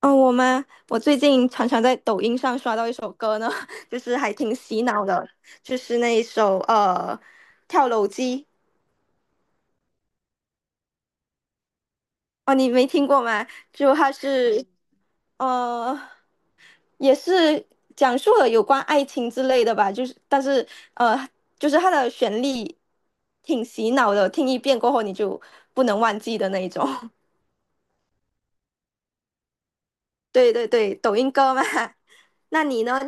我最近常常在抖音上刷到一首歌呢，就是还挺洗脑的，就是那一首《跳楼机》。哦，你没听过吗？就它是呃也是讲述了有关爱情之类的吧，就是但是呃就是它的旋律挺洗脑的，听一遍过后你就不能忘记的那一种。对对对，抖音歌嘛。那你呢？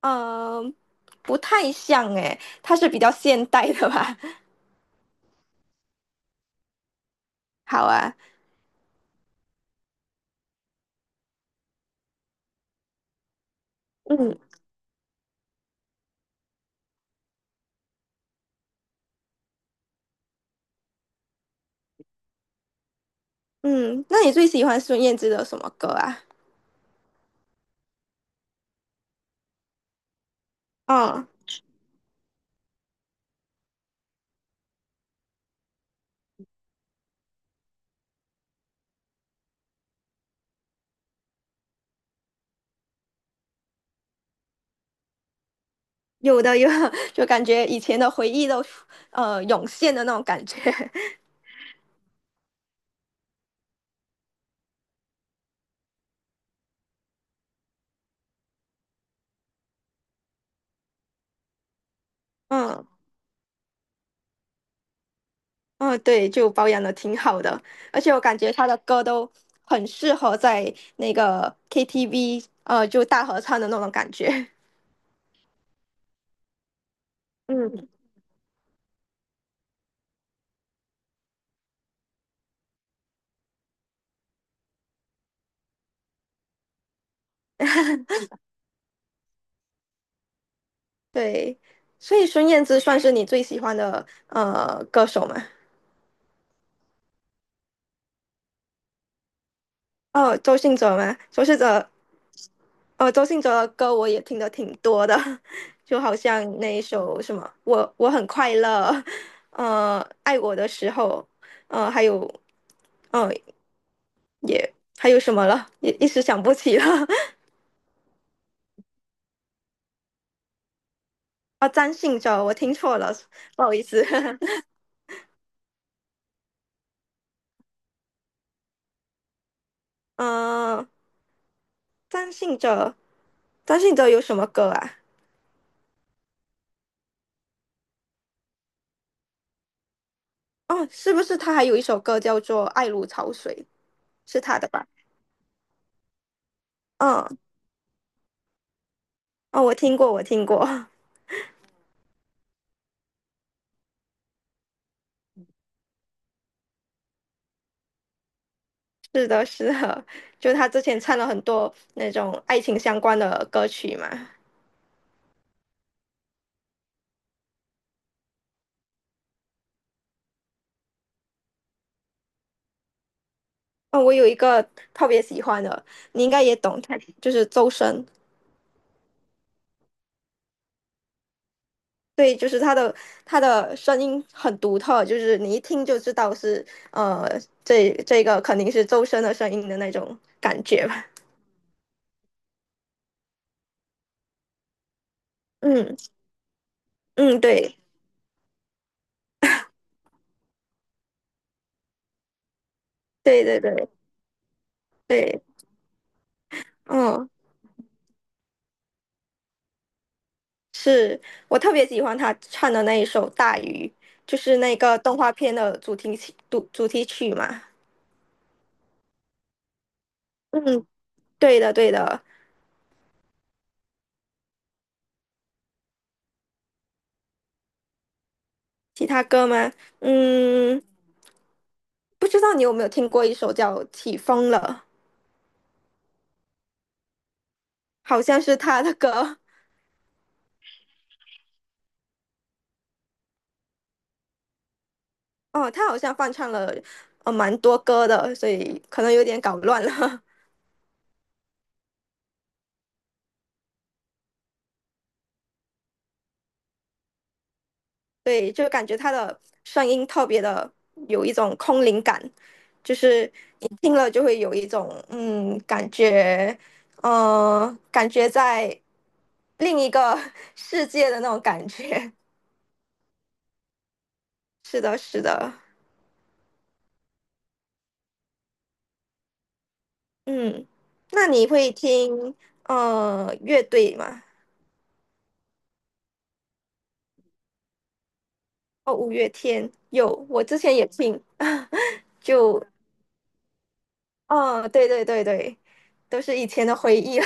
嗯、不太像诶，它是比较现代的吧？好啊。嗯嗯，那你最喜欢孙燕姿的什么歌啊？嗯，有的有的。 就感觉以前的回忆都涌现的那种感觉。嗯嗯，对，就保养的挺好的，而且我感觉她的歌都很适合在那个 KTV 就大合唱的那种感觉。嗯，对，所以孙燕姿算是你最喜欢的歌手吗？哦，周信哲吗？周信哲，哦，周信哲的歌我也听的挺多的，就好像那一首什么《我很快乐》，呃，爱我的时候，呃，还有，哦，还有什么了？一时想不起了。啊，张信哲，我听错了，不好意思。嗯、张信哲，张信哲有什么歌啊？哦，是不是他还有一首歌叫做《爱如潮水》，是他的吧？嗯，哦，我听过，我听过。是的，是的，就他之前唱了很多那种爱情相关的歌曲嘛。哦，我有一个特别喜欢的，你应该也懂，他就是周深。对，就是他的声音很独特，就是你一听就知道是呃，这个肯定是周深的声音的那种感觉吧。嗯嗯，对对对对对，嗯，是，我特别喜欢他唱的那一首《大鱼》，就是那个动画片的主题曲嘛。嗯，对的，对的。其他歌吗？嗯，不知道你有没有听过一首叫《起风了》，好像是他的歌。哦，他好像翻唱了蛮多歌的，所以可能有点搞乱了。对，就感觉他的声音特别的有一种空灵感，就是你听了就会有一种感觉，呃，感觉在另一个 世界的那种感觉。是的，是的。嗯，那你会听乐队吗？哦，五月天有，我之前也听，就哦，对对对对，都是以前的回忆了。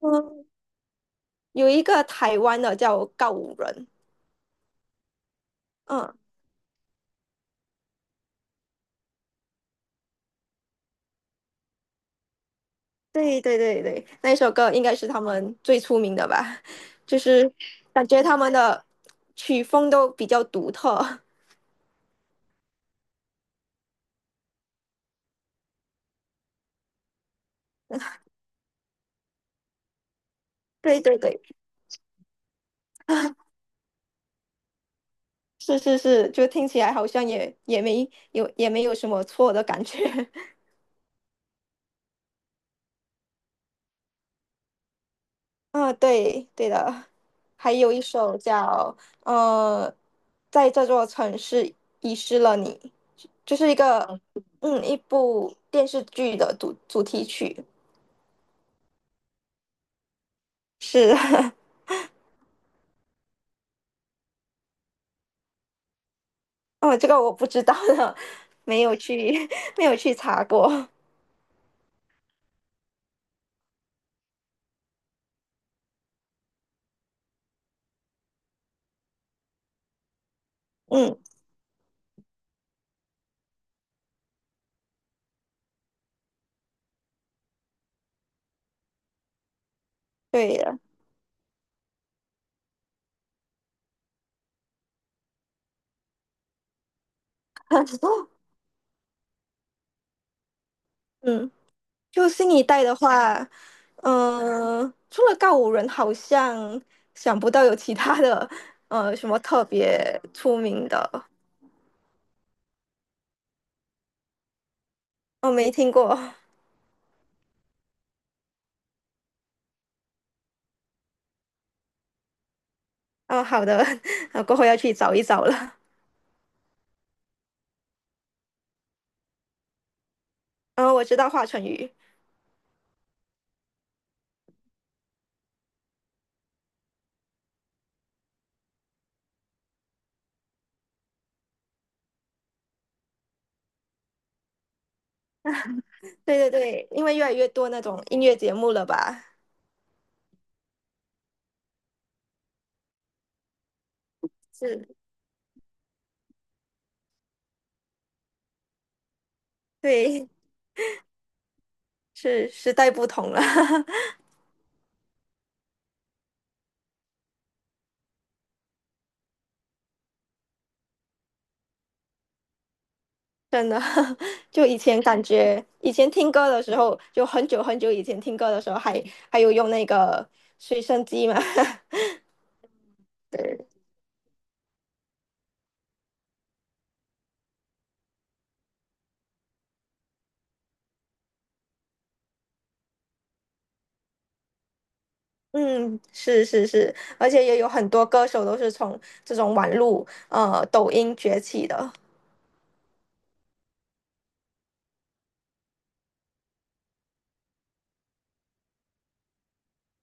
嗯，有一个台湾的叫告五人。嗯，对对对对，那首歌应该是他们最出名的吧，就是感觉他们的曲风都比较独特。对对对，是是是，就听起来好像也没有没有什么错的感觉。啊，对，对的，还有一首叫呃，在这座城市遗失了你，就是一个嗯一部电视剧的主题曲，是，哦，这个我不知道了，没有去 没有去查过，嗯，对的，嗯，就新一代的话，除了告五人，好像想不到有其他的什么特别出名的。我没听过。哦，好的，呃，过后要去找一找了。嗯，我知道华晨宇。对对对，因为越来越多那种音乐节目了吧？是，对，是时代不同了，真的。就以前感觉，以前听歌的时候，就很久很久以前听歌的时候还，还有用那个随身机嘛。对，嗯，是是是，而且也有很多歌手都是从这种网络抖音崛起的。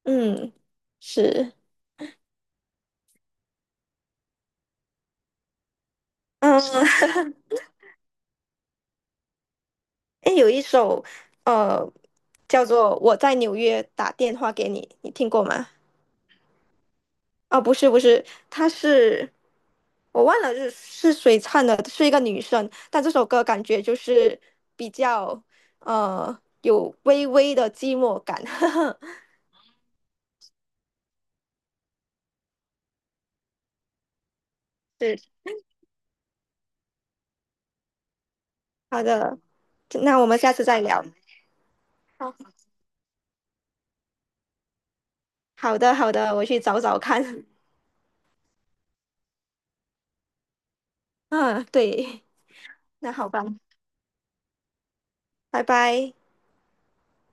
嗯，是。嗯，哎，有一首呃叫做《我在纽约打电话给你》，你听过吗？哦，不是不是，她是，我忘了是谁唱的，是一个女生，但这首歌感觉就是比较有微微的寂寞感。对，好的，那我们下次再聊。好，好的好的，我去找找看。嗯，对，那好吧，拜拜。